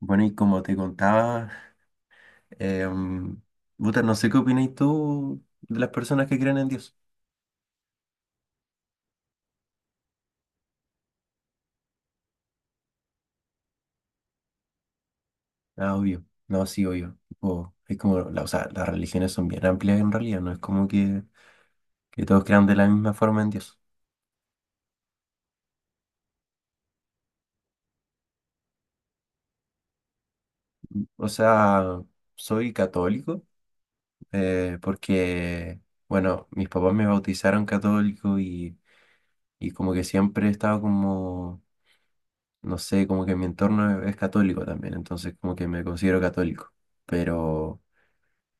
Bueno, y como te contaba, em, puta, no sé qué opinas tú de las personas que creen en Dios. Ah, obvio. No, sí, obvio. Tipo, es como, o sea, las religiones son bien amplias en realidad, no es como que todos crean de la misma forma en Dios. O sea, soy católico porque, bueno, mis papás me bautizaron católico y como que siempre he estado como, no sé, como que mi entorno es católico también, entonces como que me considero católico. Pero...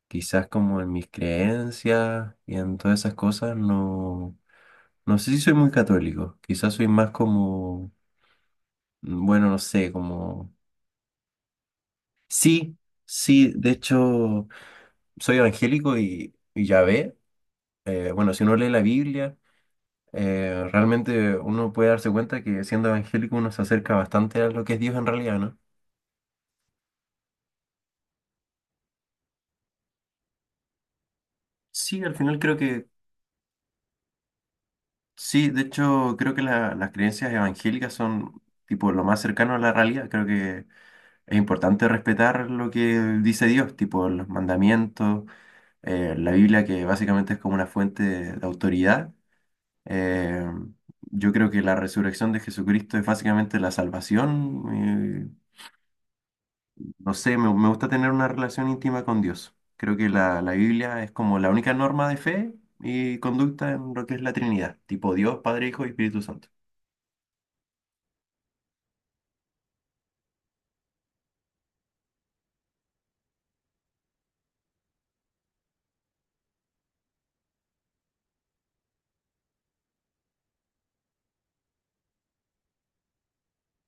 quizás como en mis creencias y en todas esas cosas, no, no sé si soy muy católico, quizás soy más como, bueno, no sé, como, sí, sí, de hecho, soy evangélico y ya ve, bueno, si uno lee la Biblia, realmente uno puede darse cuenta que siendo evangélico uno se acerca bastante a lo que es Dios en realidad, ¿no? Sí, al final creo que, sí, de hecho, creo que las creencias evangélicas son tipo lo más cercano a la realidad, creo que es importante respetar lo que dice Dios, tipo los mandamientos, la Biblia que básicamente es como una fuente de autoridad. Eh, yo creo que la resurrección de Jesucristo es básicamente la salvación. eh, no sé, me gusta tener una relación íntima con Dios. Creo que la Biblia es como la única norma de fe y conducta en lo que es la Trinidad, tipo Dios, Padre, Hijo y Espíritu Santo.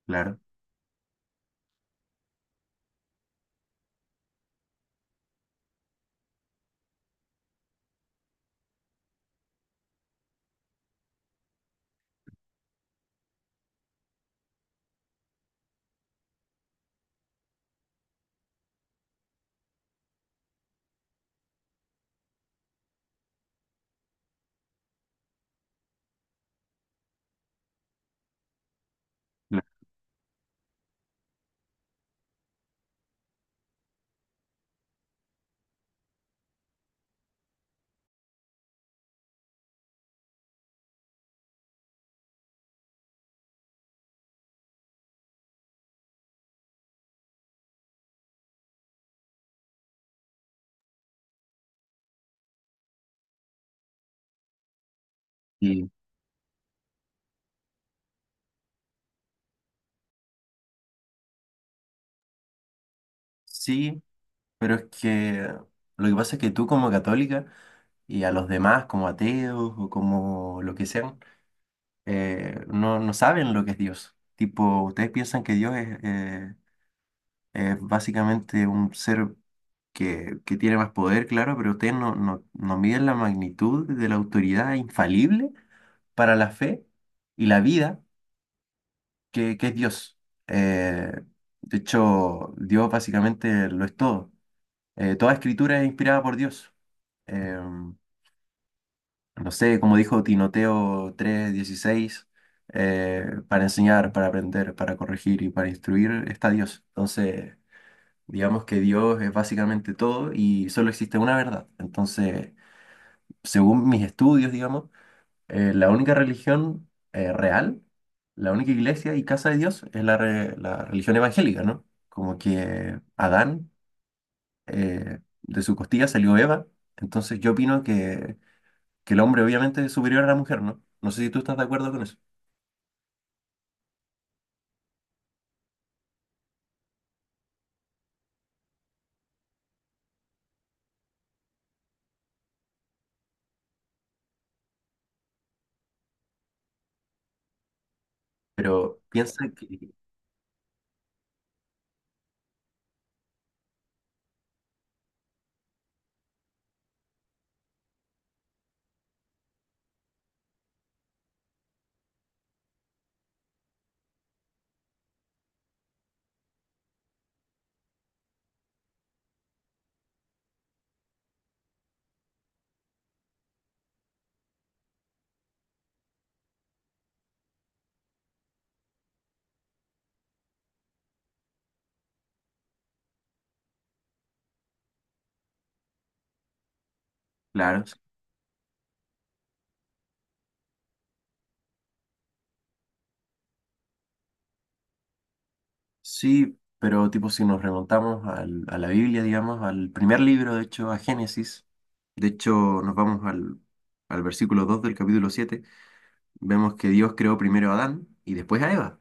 Claro. Claro. Y sí, pero es que lo que pasa es que tú como católica... y a los demás como ateos o como lo que sean, no, no saben lo que es Dios. Tipo, ustedes piensan que Dios es básicamente un ser que tiene más poder, claro, pero ustedes no, no, no miden la magnitud de la autoridad infalible para la fe y la vida que es Dios. Eh, de hecho, Dios básicamente lo es todo. Toda escritura es inspirada por Dios. Em, no sé, como dijo Tinoteo 3:16, para enseñar, para aprender, para corregir y para instruir está Dios. Entonces, digamos que Dios es básicamente todo y solo existe una verdad. Entonces, según mis estudios, digamos, la única religión real, la única iglesia y casa de Dios es la, la religión evangélica, ¿no? Como que Adán, de su costilla salió Eva. Entonces, yo opino que el hombre obviamente es superior a la mujer, ¿no? No sé si tú estás de acuerdo con eso, pero piensa que, claro, sí, pero tipo si nos remontamos a la Biblia, digamos, al primer libro, de hecho, a Génesis, de hecho nos vamos al versículo 2 del capítulo 7 vemos que Dios creó primero a Adán y después a Eva,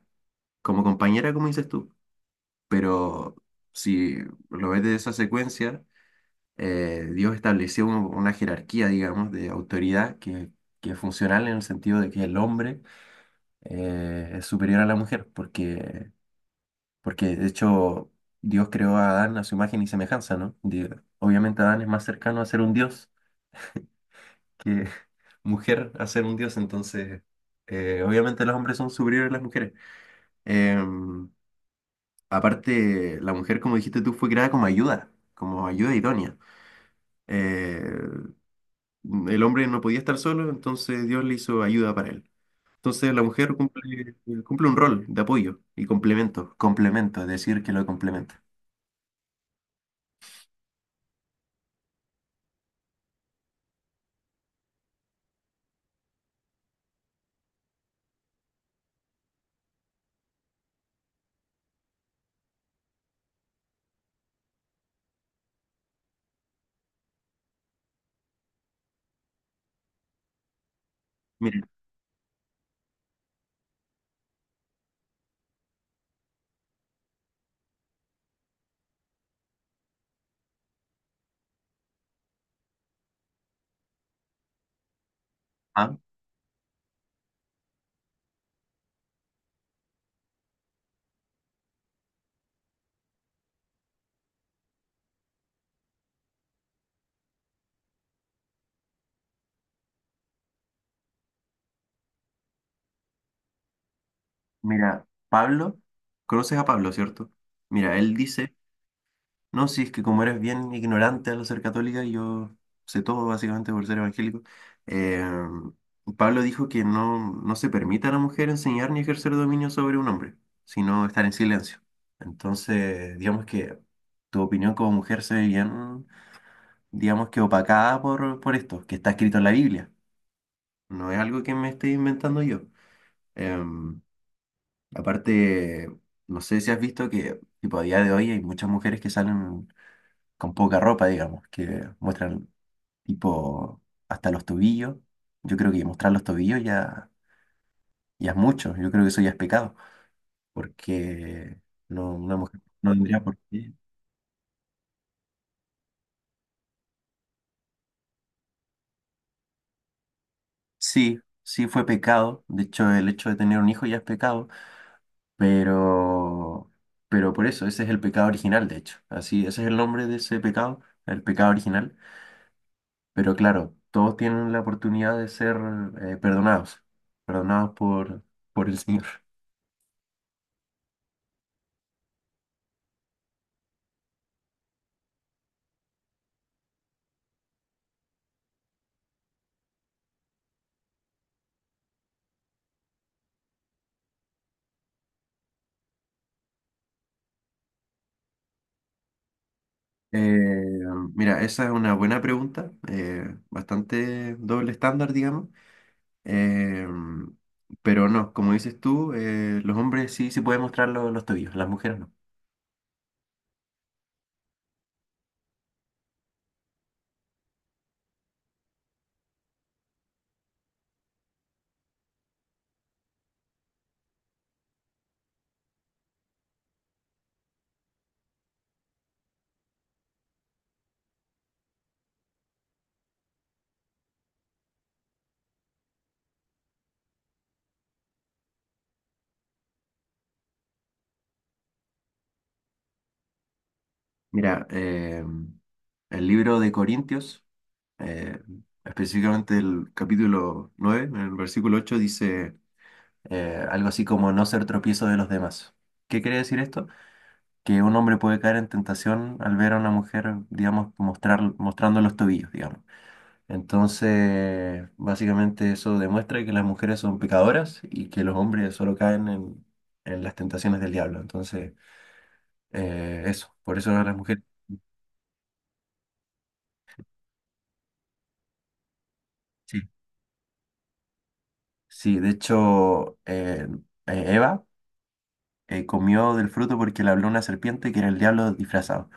como compañera, como dices tú, pero si lo ves de esa secuencia, Dios estableció una jerarquía, digamos, de autoridad que es funcional en el sentido de que el hombre es superior a la mujer, porque, porque de hecho Dios creó a Adán a su imagen y semejanza, ¿no? Obviamente Adán es más cercano a ser un dios que mujer a ser un dios, entonces obviamente los hombres son superiores a las mujeres. Em, aparte, la mujer, como dijiste tú, fue creada como ayuda idónea. Eh, el hombre no podía estar solo, entonces Dios le hizo ayuda para él. Entonces la mujer cumple, cumple un rol de apoyo y complemento, complemento, es decir, que lo complementa. Mira, ah, mira, Pablo, conoces a Pablo, ¿cierto? Mira, él dice, no, si es que como eres bien ignorante al ser católica, y yo sé todo básicamente por ser evangélico, eh, Pablo dijo que no, no se permite a la mujer enseñar ni ejercer dominio sobre un hombre, sino estar en silencio. Entonces, digamos que tu opinión como mujer se ve bien, digamos que opacada por esto, que está escrito en la Biblia. No es algo que me esté inventando yo. Em, aparte, no sé si has visto que tipo, a día de hoy hay muchas mujeres que salen con poca ropa, digamos, que muestran tipo hasta los tobillos. Yo creo que mostrar los tobillos ya, ya es mucho, yo creo que eso ya es pecado, porque no, una mujer no tendría por qué. Sí, sí fue pecado, de hecho el hecho de tener un hijo ya es pecado. Pero, pero por eso, ese es el pecado original, de hecho. Así, ese es el nombre de ese pecado, el pecado original. Pero claro, todos tienen la oportunidad de ser perdonados, perdonados por el Señor. Eh, mira, esa es una buena pregunta, bastante doble estándar, digamos. Eh, pero no, como dices tú, los hombres sí se pueden mostrar los tobillos, las mujeres no. Mira, el libro de Corintios. eh, específicamente el capítulo 9 en el versículo 8 dice algo así como no ser tropiezo de los demás. ¿Qué quiere decir esto? Que un hombre puede caer en tentación al ver a una mujer, digamos, mostrar, mostrando los tobillos, digamos. Entonces, básicamente eso demuestra que las mujeres son pecadoras y que los hombres solo caen en las tentaciones del diablo. Entonces, eso, por eso las mujeres... Sí, sí, de hecho, Eva comió del fruto porque le habló una serpiente que era el diablo disfrazado.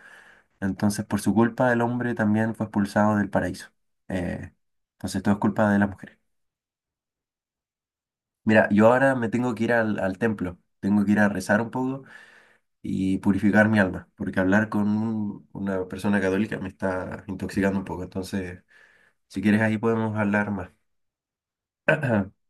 Entonces, por su culpa, el hombre también fue expulsado del paraíso. Eh, entonces, todo es culpa de las mujeres. Mira, yo ahora me tengo que ir al templo, tengo que ir a rezar un poco y purificar mi alma, porque hablar con una persona católica me está intoxicando un poco. Entonces, si quieres, ahí podemos hablar más.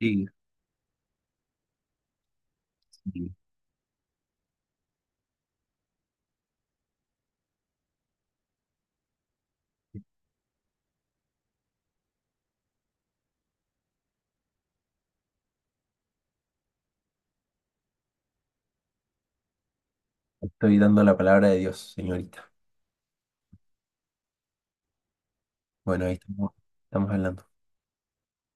Sí, sí, estoy dando la palabra de Dios, señorita. Bueno, ahí estamos, estamos hablando.